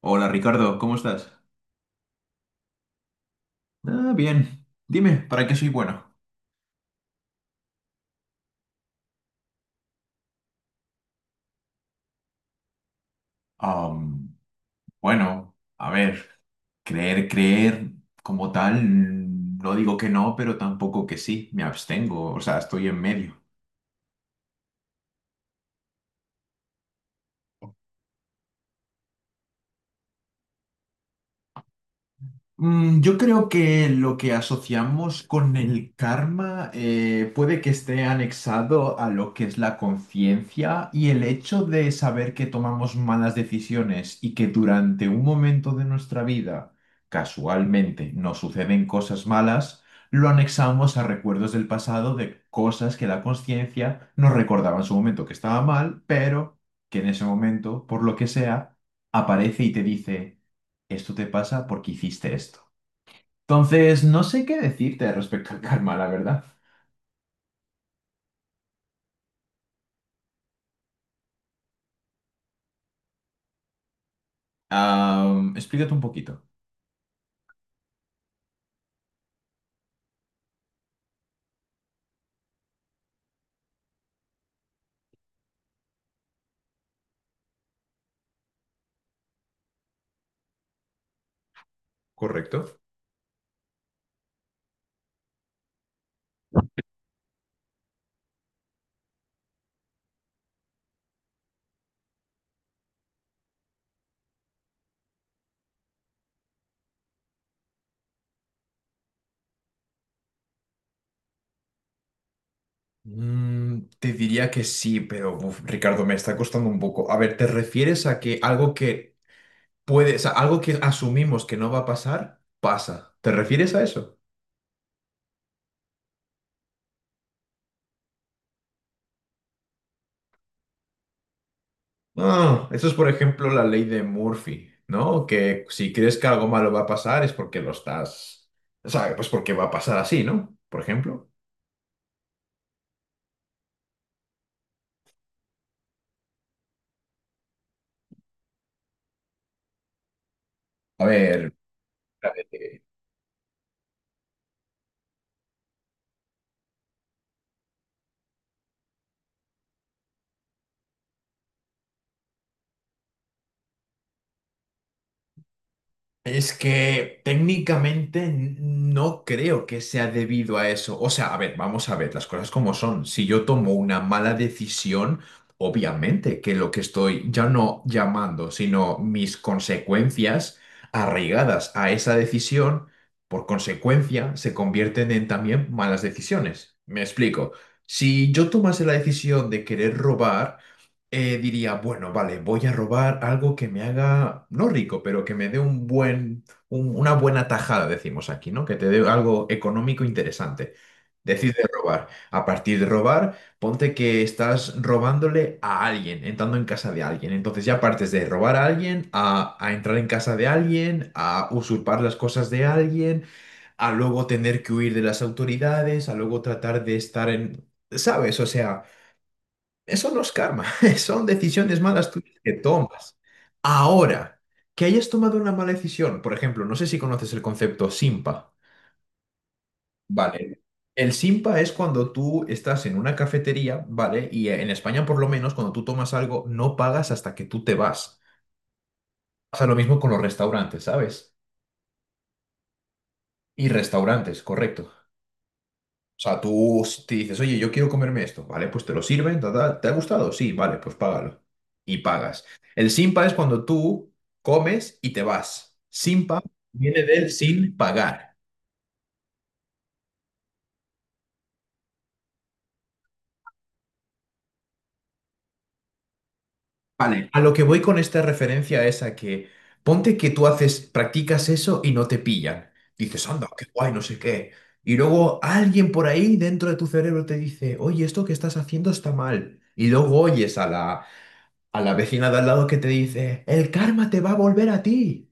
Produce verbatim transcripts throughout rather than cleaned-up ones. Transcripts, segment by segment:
Hola Ricardo, ¿cómo estás? Ah, bien. Dime, ¿para qué soy bueno? Am, bueno, a ver, creer, creer como tal, mm, no digo que no, pero tampoco que sí, me abstengo, o sea, estoy en medio. Mm, Yo creo que lo que asociamos con el karma eh, puede que esté anexado a lo que es la conciencia y el hecho de saber que tomamos malas decisiones y que durante un momento de nuestra vida casualmente nos suceden cosas malas, lo anexamos a recuerdos del pasado de cosas que la conciencia nos recordaba en su momento que estaba mal, pero que en ese momento, por lo que sea, aparece y te dice, esto te pasa porque hiciste esto. Entonces, no sé qué decirte respecto al karma, la verdad. Am, explícate un poquito. ¿Correcto? Mm, te diría que sí, pero uf, Ricardo, me está costando un poco. A ver, ¿te refieres a que algo que puede, o sea, algo que asumimos que no va a pasar, pasa? ¿Te refieres a eso? Ah, eso es, por ejemplo, la ley de Murphy, ¿no? Que si crees que algo malo va a pasar es porque lo estás, o sea, pues porque va a pasar así, ¿no? Por ejemplo. A ver. eh, Es que técnicamente n- no creo que sea debido a eso. O sea, a ver, vamos a ver las cosas como son. Si yo tomo una mala decisión, obviamente que lo que estoy ya no llamando, sino mis consecuencias arraigadas a esa decisión, por consecuencia, se convierten en también malas decisiones. Me explico. Si yo tomase la decisión de querer robar, eh, diría, bueno, vale, voy a robar algo que me haga, no rico, pero que me dé un buen, un- una buena tajada, decimos aquí, ¿no? Que te dé algo económico interesante. Decide robar. A partir de robar, ponte que estás robándole a alguien, entrando en casa de alguien. Entonces ya partes de robar a alguien, a, a entrar en casa de alguien, a usurpar las cosas de alguien, a luego tener que huir de las autoridades, a luego tratar de estar en... ¿Sabes? O sea... Eso no es karma, son decisiones malas tuyas que tomas. Ahora, que hayas tomado una mala decisión, por ejemplo, no sé si conoces el concepto Simpa. Vale. El Simpa es cuando tú estás en una cafetería, ¿vale? Y en España, por lo menos, cuando tú tomas algo, no pagas hasta que tú te vas. Pasa lo mismo con los restaurantes, ¿sabes? Y restaurantes, correcto. O sea, tú s- te dices, oye, yo quiero comerme esto, ¿vale? Pues te lo sirven, ta, ta, ¿te ha gustado? Sí, vale, pues págalo. Y pagas. El simpa es cuando tú comes y te vas. Simpa viene del sin pagar. Vale, a lo que voy con esta referencia es a que ponte que tú haces, practicas eso y no te pillan. Dices, anda, qué guay, no sé qué. Y luego alguien por ahí dentro de tu cerebro te dice, oye, esto que estás haciendo está mal. Y luego oyes a la, a la vecina de al lado que te dice, el karma te va a volver a ti.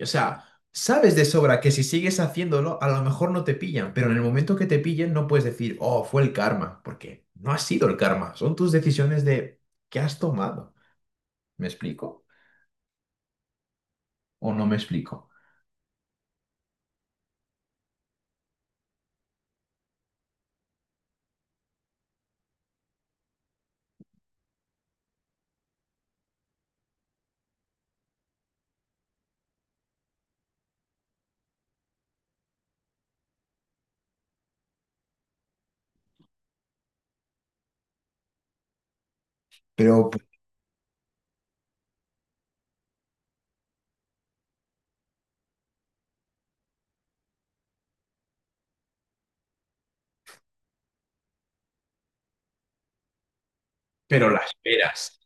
O sea, sabes de sobra que si sigues haciéndolo, a lo mejor no te pillan, pero en el momento que te pillen no puedes decir, oh, fue el karma, porque no ha sido el karma, son tus decisiones de qué has tomado. ¿Me explico? ¿O no me explico? Pero, pero la esperas.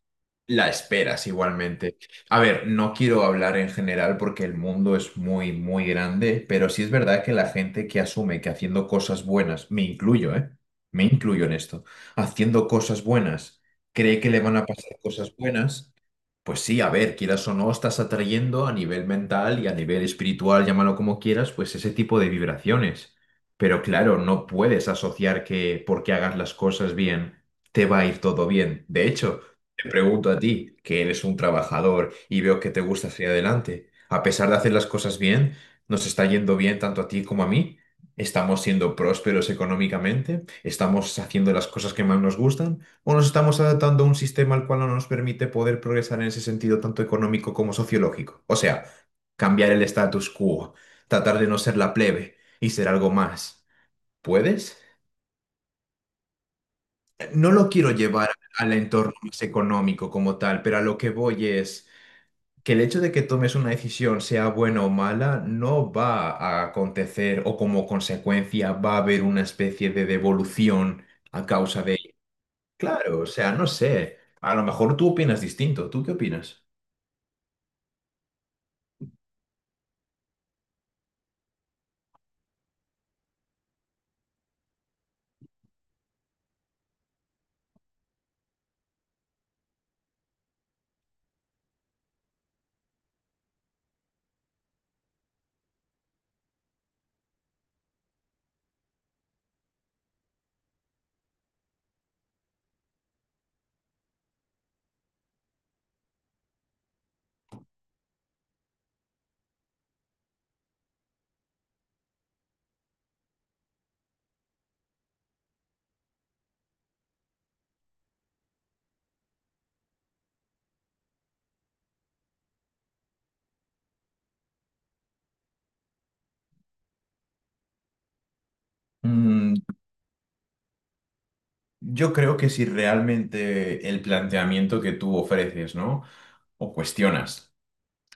La esperas igualmente. A ver, no quiero hablar en general porque el mundo es muy, muy grande, pero sí es verdad que la gente que asume que haciendo cosas buenas, me incluyo, ¿eh? Me incluyo en esto, haciendo cosas buenas, cree que le van a pasar cosas buenas. Pues sí, a ver, quieras o no, estás atrayendo a nivel mental y a nivel espiritual, llámalo como quieras, pues ese tipo de vibraciones. Pero claro, no puedes asociar que porque hagas las cosas bien, te va a ir todo bien. De hecho, te pregunto a ti, que eres un trabajador y veo que te gusta hacia adelante. A pesar de hacer las cosas bien, nos está yendo bien tanto a ti como a mí. Estamos siendo prósperos económicamente, estamos haciendo las cosas que más nos gustan o nos estamos adaptando a un sistema al cual no nos permite poder progresar en ese sentido tanto económico como sociológico. O sea, cambiar el status quo, tratar de no ser la plebe y ser algo más. ¿Puedes? No lo quiero llevar al entorno más económico como tal, pero a lo que voy es que el hecho de que tomes una decisión, sea buena o mala, no va a acontecer o como consecuencia va a haber una especie de devolución a causa de. Claro, o sea, no sé. A lo mejor tú opinas distinto. ¿Tú qué opinas? Mm, yo creo que si realmente el planteamiento que tú ofreces, ¿no? O cuestionas,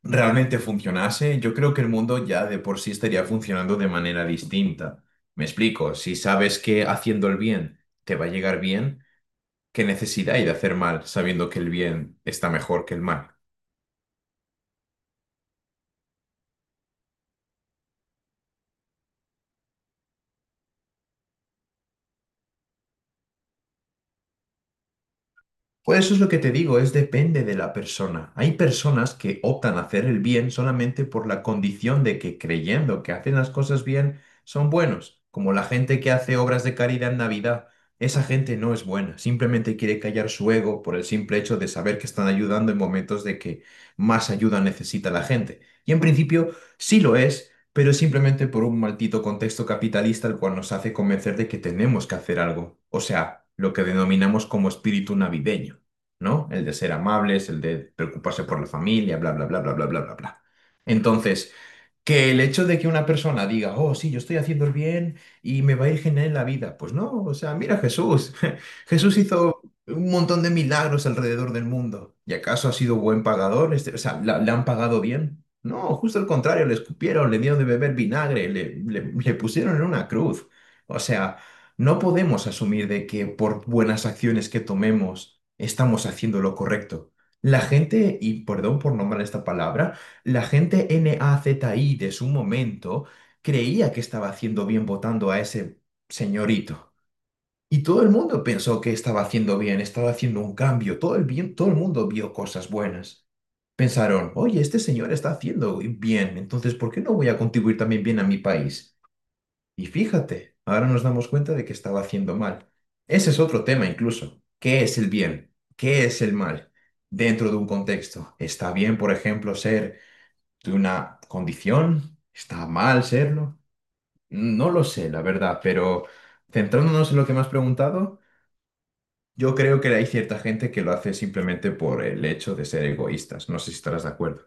realmente funcionase, yo creo que el mundo ya de por sí estaría funcionando de manera distinta. Me explico, si sabes que haciendo el bien te va a llegar bien, ¿qué necesidad hay de hacer mal sabiendo que el bien está mejor que el mal? Pues eso es lo que te digo, es depende de la persona. Hay personas que optan a hacer el bien solamente por la condición de que creyendo que hacen las cosas bien son buenos, como la gente que hace obras de caridad en Navidad. Esa gente no es buena, simplemente quiere callar su ego por el simple hecho de saber que están ayudando en momentos de que más ayuda necesita la gente. Y en principio sí lo es, pero es simplemente por un maldito contexto capitalista el cual nos hace convencer de que tenemos que hacer algo, o sea, lo que denominamos como espíritu navideño, ¿no? El de ser amables, el de preocuparse por la familia, bla, bla, bla, bla, bla, bla, bla, bla. Entonces, que el hecho de que una persona diga, oh, sí, yo estoy haciendo el bien y me va a ir genial en la vida. Pues no, o sea, mira a Jesús. Jesús hizo un montón de milagros alrededor del mundo. ¿Y acaso ha sido buen pagador? Este, o sea, ¿la- le han pagado bien? No, justo al contrario, le escupieron, le dieron de beber vinagre, le, le- le pusieron en una cruz. O sea, no podemos asumir de que por buenas acciones que tomemos estamos haciendo lo correcto. La gente, y perdón por nombrar esta palabra, la gente NAZI de su momento creía que estaba haciendo bien votando a ese señorito. Y todo el mundo pensó que estaba haciendo bien, estaba haciendo un cambio. Todo el bien, todo el mundo vio cosas buenas. Pensaron, oye, este señor está haciendo bien, entonces ¿por qué no voy a contribuir también bien a mi país? Y fíjate, ahora nos damos cuenta de que estaba haciendo mal. Ese es otro tema incluso. ¿Qué es el bien? ¿Qué es el mal? Dentro de un contexto. ¿Está bien, por ejemplo, ser ¿Tuve una condición? ¿Está mal serlo? No lo sé, la verdad, pero centrándonos en lo que me has preguntado, yo creo que hay cierta gente que lo hace simplemente por el hecho de ser egoístas. No sé si estarás de acuerdo.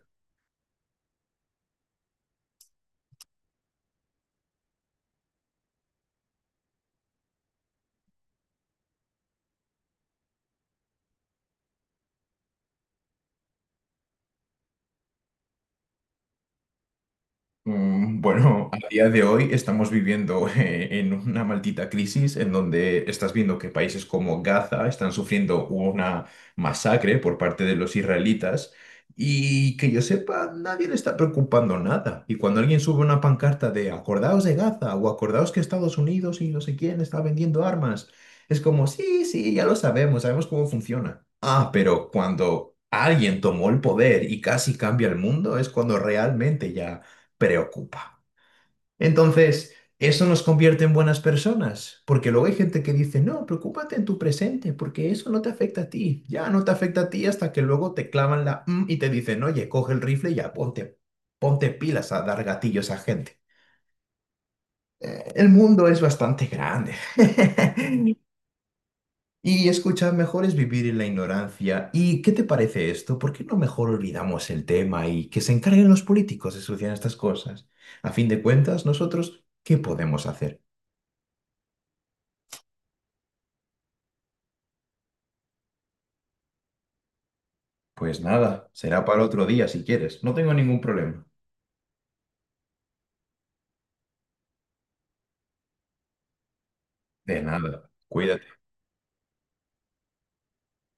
Mm, Bueno, a día de hoy estamos viviendo eh, en una maldita crisis en donde estás viendo que países como Gaza están sufriendo una masacre por parte de los israelitas y que yo sepa, nadie le está preocupando nada. Y cuando alguien sube una pancarta de acordaos de Gaza o acordaos que Estados Unidos y no sé quién está vendiendo armas, es como, sí, sí, ya lo sabemos, sabemos cómo funciona. Ah, pero cuando alguien tomó el poder y casi cambia el mundo, es cuando realmente ya preocupa. Entonces, ¿eso nos convierte en buenas personas? Porque luego hay gente que dice, no, preocúpate en tu presente, porque eso no te afecta a ti. Ya no te afecta a ti hasta que luego te clavan la "mm" y te dicen, oye, coge el rifle y ya ponte, ponte pilas a dar gatillos a gente. Eh, El mundo es bastante grande. Y escucha, mejor es vivir en la ignorancia. ¿Y qué te parece esto? ¿Por qué no mejor olvidamos el tema y que se encarguen los políticos de solucionar estas cosas? A fin de cuentas, nosotros, ¿qué podemos hacer? Pues nada, será para otro día si quieres. No tengo ningún problema. De nada. Cuídate.